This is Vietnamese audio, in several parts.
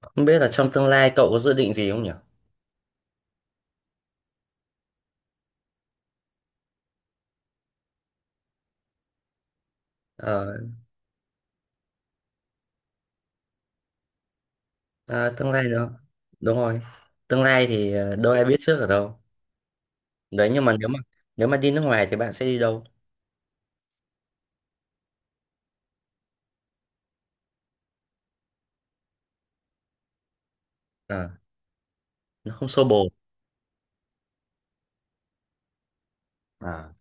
Không biết là trong tương lai cậu có dự định gì không nhỉ? Ờ, à, tương lai đó. Đúng rồi. Tương lai thì đâu ai biết trước ở đâu. Đấy nhưng mà nếu mà đi nước ngoài thì bạn sẽ đi đâu? Ờ, nó không xô bồ. À,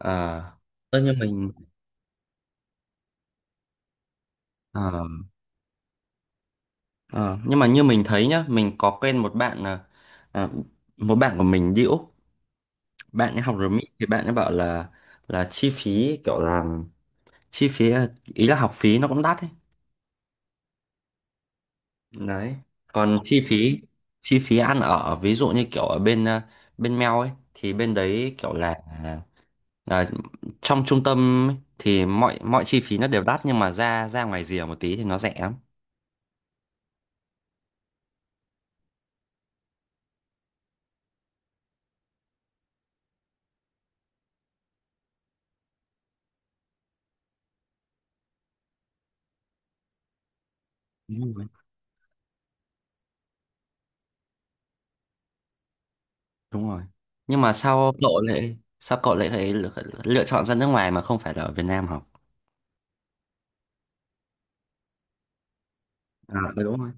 à, ơ, như mình ờ, ờ, nhưng mà như mình thấy nhá, mình có quen một bạn là à, một bạn của mình đi Úc, bạn ấy học ở Mỹ thì bạn ấy bảo là chi phí kiểu là chi phí ý là học phí nó cũng đắt ấy. Đấy còn chi phí ăn ở ví dụ như kiểu ở bên bên Mel ấy thì bên đấy kiểu là trong trung tâm ấy, thì mọi mọi chi phí nó đều đắt nhưng mà ra ra ngoài rìa một tí thì nó rẻ lắm. Đúng rồi. Đúng rồi nhưng mà sao cậu lại phải lựa, lựa chọn ra nước ngoài mà không phải là ở Việt Nam học. À ừ, đúng rồi.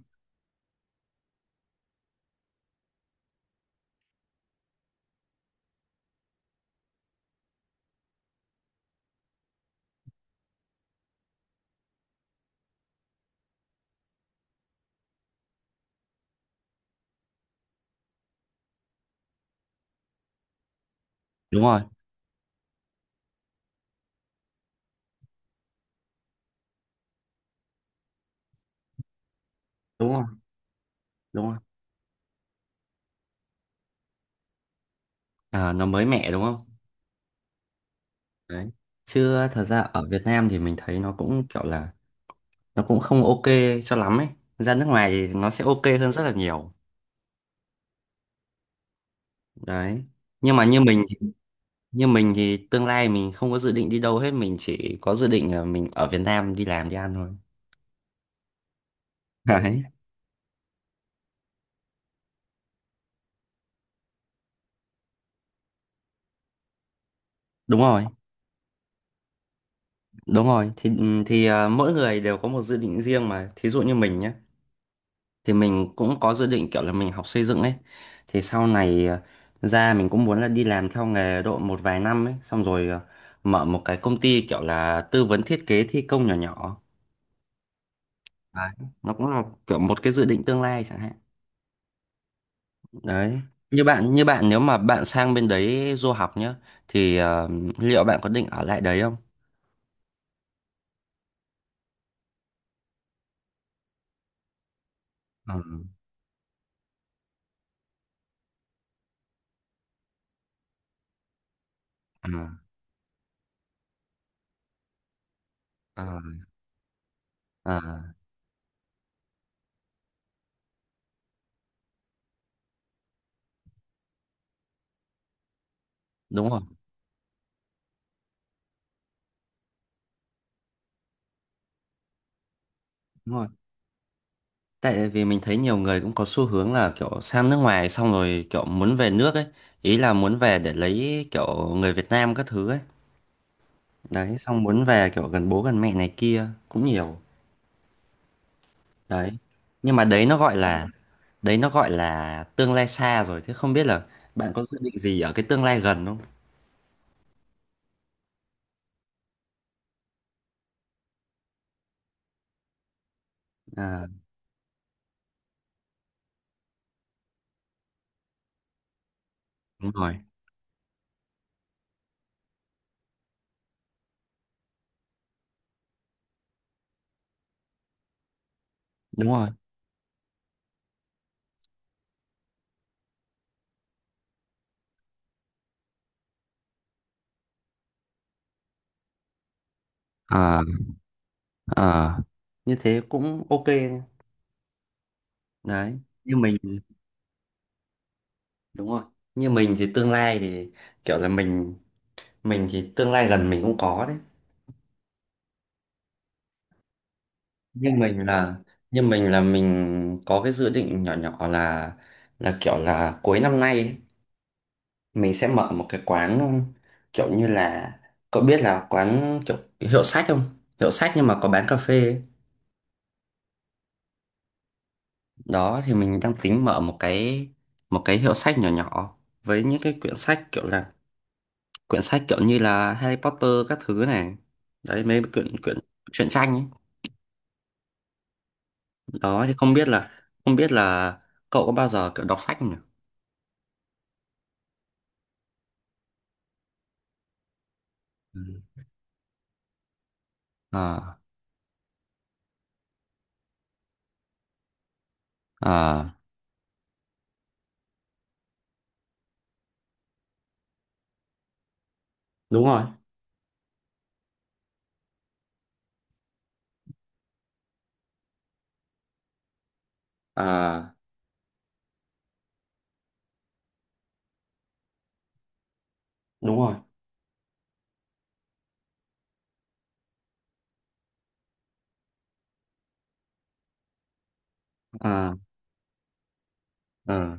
Đúng rồi. Đúng rồi. Đúng rồi. À, nó mới mẻ đúng không? Đấy chứ thật ra ở Việt Nam thì mình thấy nó cũng kiểu là nó cũng không ok cho lắm ấy, ra nước ngoài thì nó sẽ ok hơn rất là nhiều. Đấy nhưng mà như mình thì tương lai mình không có dự định đi đâu hết, mình chỉ có dự định là mình ở Việt Nam đi làm đi ăn thôi. Đấy. Đúng rồi. Đúng rồi thì ừ, thì à, mỗi người đều có một dự định riêng mà, thí dụ như mình nhé, thì mình cũng có dự định kiểu là mình học xây dựng ấy, thì sau này à, ra mình cũng muốn là đi làm theo nghề độ một vài năm ấy, xong rồi à, mở một cái công ty kiểu là tư vấn thiết kế thi công nhỏ nhỏ. Đấy. Nó cũng là kiểu một cái dự định tương lai chẳng hạn. Đấy. Như bạn nếu mà bạn sang bên đấy du học nhá thì liệu bạn có định ở lại đấy không? Ừ. Ừ. Ờ, ờ, đúng rồi. Đúng rồi. Tại vì mình thấy nhiều người cũng có xu hướng là kiểu sang nước ngoài xong rồi kiểu muốn về nước ấy, ý là muốn về để lấy kiểu người Việt Nam các thứ ấy. Đấy, xong muốn về kiểu gần bố gần mẹ này kia cũng nhiều. Đấy. Nhưng mà đấy nó gọi Ừ. là Đấy nó gọi là tương lai xa rồi, thế không biết là bạn có dự định gì ở cái tương lai gần không? À, đúng rồi, đúng rồi. Ờ, ờ, như thế cũng ok đấy. Như mình đúng rồi. Như mình thì tương lai thì kiểu là mình thì tương lai gần mình cũng có đấy. Nhưng mình là nhưng mình là mình có cái dự định nhỏ nhỏ là kiểu là cuối năm nay ấy, mình sẽ mở một cái quán kiểu như là cậu biết là quán kiểu hiệu sách không, hiệu sách nhưng mà có bán cà phê ấy. Đó thì mình đang tính mở một cái hiệu sách nhỏ nhỏ với những cái quyển sách kiểu là quyển sách kiểu như là Harry Potter các thứ này, đấy mấy quyển quyển truyện tranh ấy. Đó thì không biết là cậu có bao giờ kiểu đọc sách không nhỉ? Ừ. À. À đúng rồi. À đúng rồi. à ờ,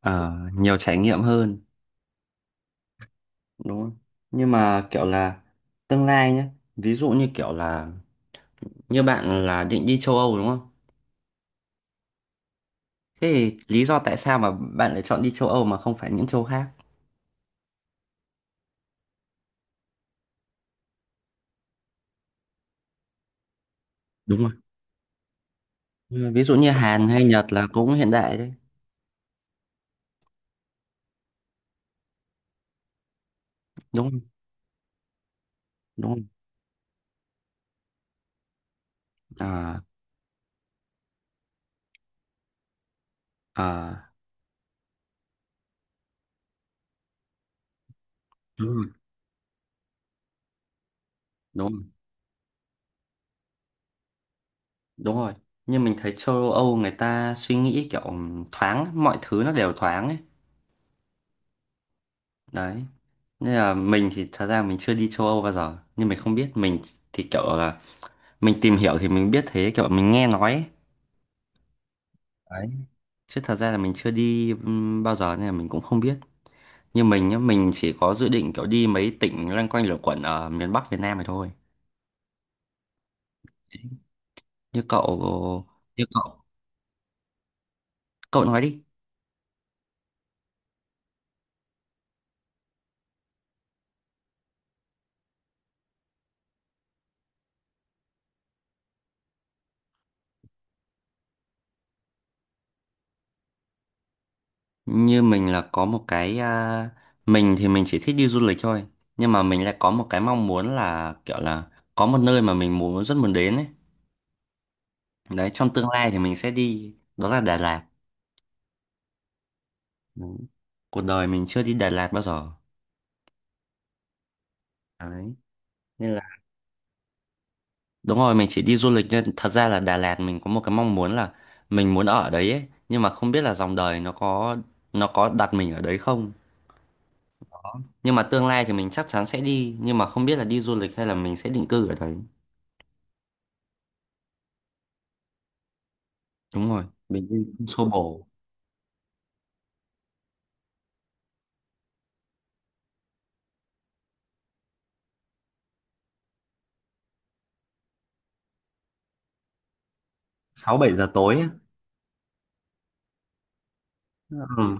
ờ, nhiều trải nghiệm hơn đúng không? Nhưng mà kiểu là tương lai nhé, ví dụ như kiểu là như bạn là định đi châu Âu đúng không? Thế thì lý do tại sao mà bạn lại chọn đi châu Âu mà không phải những châu khác? Đúng rồi. Ừ, ví dụ như Hàn hay Nhật là cũng hiện đại đấy, đúng không? Đúng không? À, à, đúng rồi, đúng rồi, đúng rồi. Nhưng mình thấy châu Âu người ta suy nghĩ kiểu thoáng, mọi thứ nó đều thoáng ấy. Đấy. Nên là mình thì thật ra mình chưa đi châu Âu bao giờ, nhưng mình không biết mình thì kiểu là mình tìm hiểu thì mình biết thế, kiểu mình nghe nói ấy. Đấy chứ thật ra là mình chưa đi bao giờ nên là mình cũng không biết. Như mình nhá mình chỉ có dự định kiểu đi mấy tỉnh loanh quanh lẩn quẩn ở miền Bắc Việt Nam này thôi. Như cậu như cậu cậu nói đi. Như mình là có một cái à, mình thì mình chỉ thích đi du lịch thôi, nhưng mà mình lại có một cái mong muốn là kiểu là có một nơi mà mình muốn rất muốn đến ấy, đấy trong tương lai thì mình sẽ đi, đó là Đà Lạt. Ừ. Cuộc đời mình chưa đi Đà Lạt bao giờ. Đấy. Nên là đúng rồi, mình chỉ đi du lịch nên thật ra là Đà Lạt mình có một cái mong muốn là mình muốn ở đấy ấy, nhưng mà không biết là dòng đời nó có đặt mình ở đấy không. Nhưng mà tương lai thì mình chắc chắn sẽ đi, nhưng mà không biết là đi du lịch hay là mình sẽ định cư ở đấy. Đúng rồi, mình đi cũng xô bồ sáu bảy giờ tối ấy. Ừ.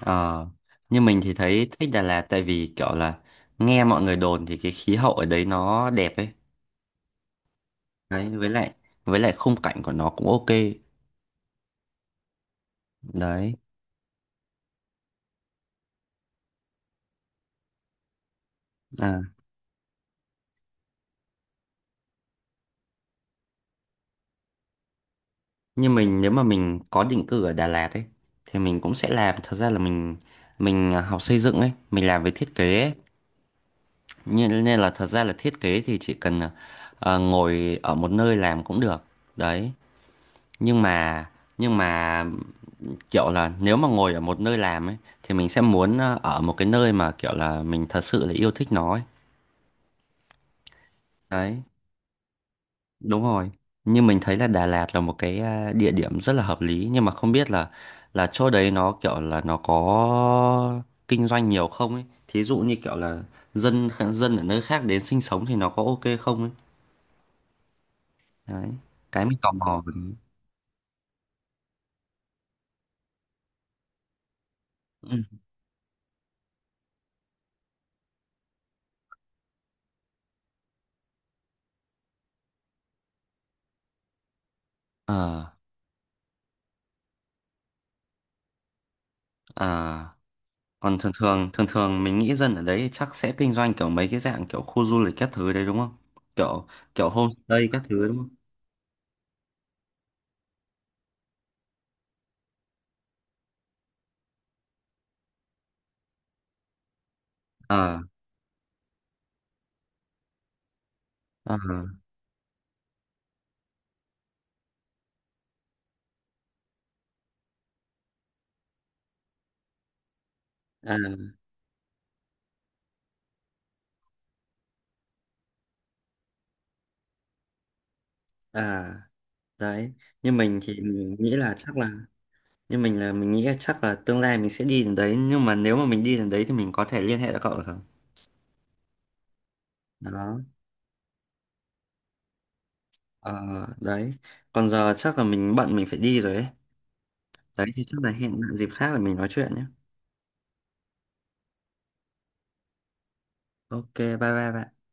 Ờ, như mình thì thấy thích Đà Lạt tại vì kiểu là nghe mọi người đồn thì cái khí hậu ở đấy nó đẹp ấy. Đấy, với lại khung cảnh của nó cũng ok. Đấy. À. Như mình nếu mà mình có định cư ở Đà Lạt ấy thì mình cũng sẽ làm, thật ra là mình à, học xây dựng ấy mình làm về thiết kế ấy. Nên, nên là thật ra là thiết kế thì chỉ cần ngồi ở một nơi làm cũng được đấy. Nhưng mà nhưng mà kiểu là nếu mà ngồi ở một nơi làm ấy thì mình sẽ muốn à, ở một cái nơi mà kiểu là mình thật sự là yêu thích nó ấy. Đấy. Đúng rồi. Nhưng mình thấy là Đà Lạt là một cái à, địa điểm rất là hợp lý nhưng mà không biết là chỗ đấy nó kiểu là nó có kinh doanh nhiều không ấy. Thí dụ như kiểu là dân dân ở nơi khác đến sinh sống thì nó có ok không ấy. Đấy. Cái mình tò mò về đấy. Ừ. Ờ à còn thường thường mình nghĩ dân ở đấy chắc sẽ kinh doanh kiểu mấy cái dạng kiểu khu du lịch các thứ đấy đúng không? Kiểu kiểu homestay các thứ đúng không? Ờ à, à, à. Đấy như mình thì mình nghĩ là chắc là như mình là mình nghĩ là chắc là tương lai mình sẽ đi đến đấy, nhưng mà nếu mà mình đi đến đấy thì mình có thể liên hệ với cậu được không? Đó ờ, đấy còn giờ chắc là mình bận mình phải đi rồi ấy. Đấy thì chắc là hẹn bạn dịp khác để mình nói chuyện nhé. Ok bye bye bạn.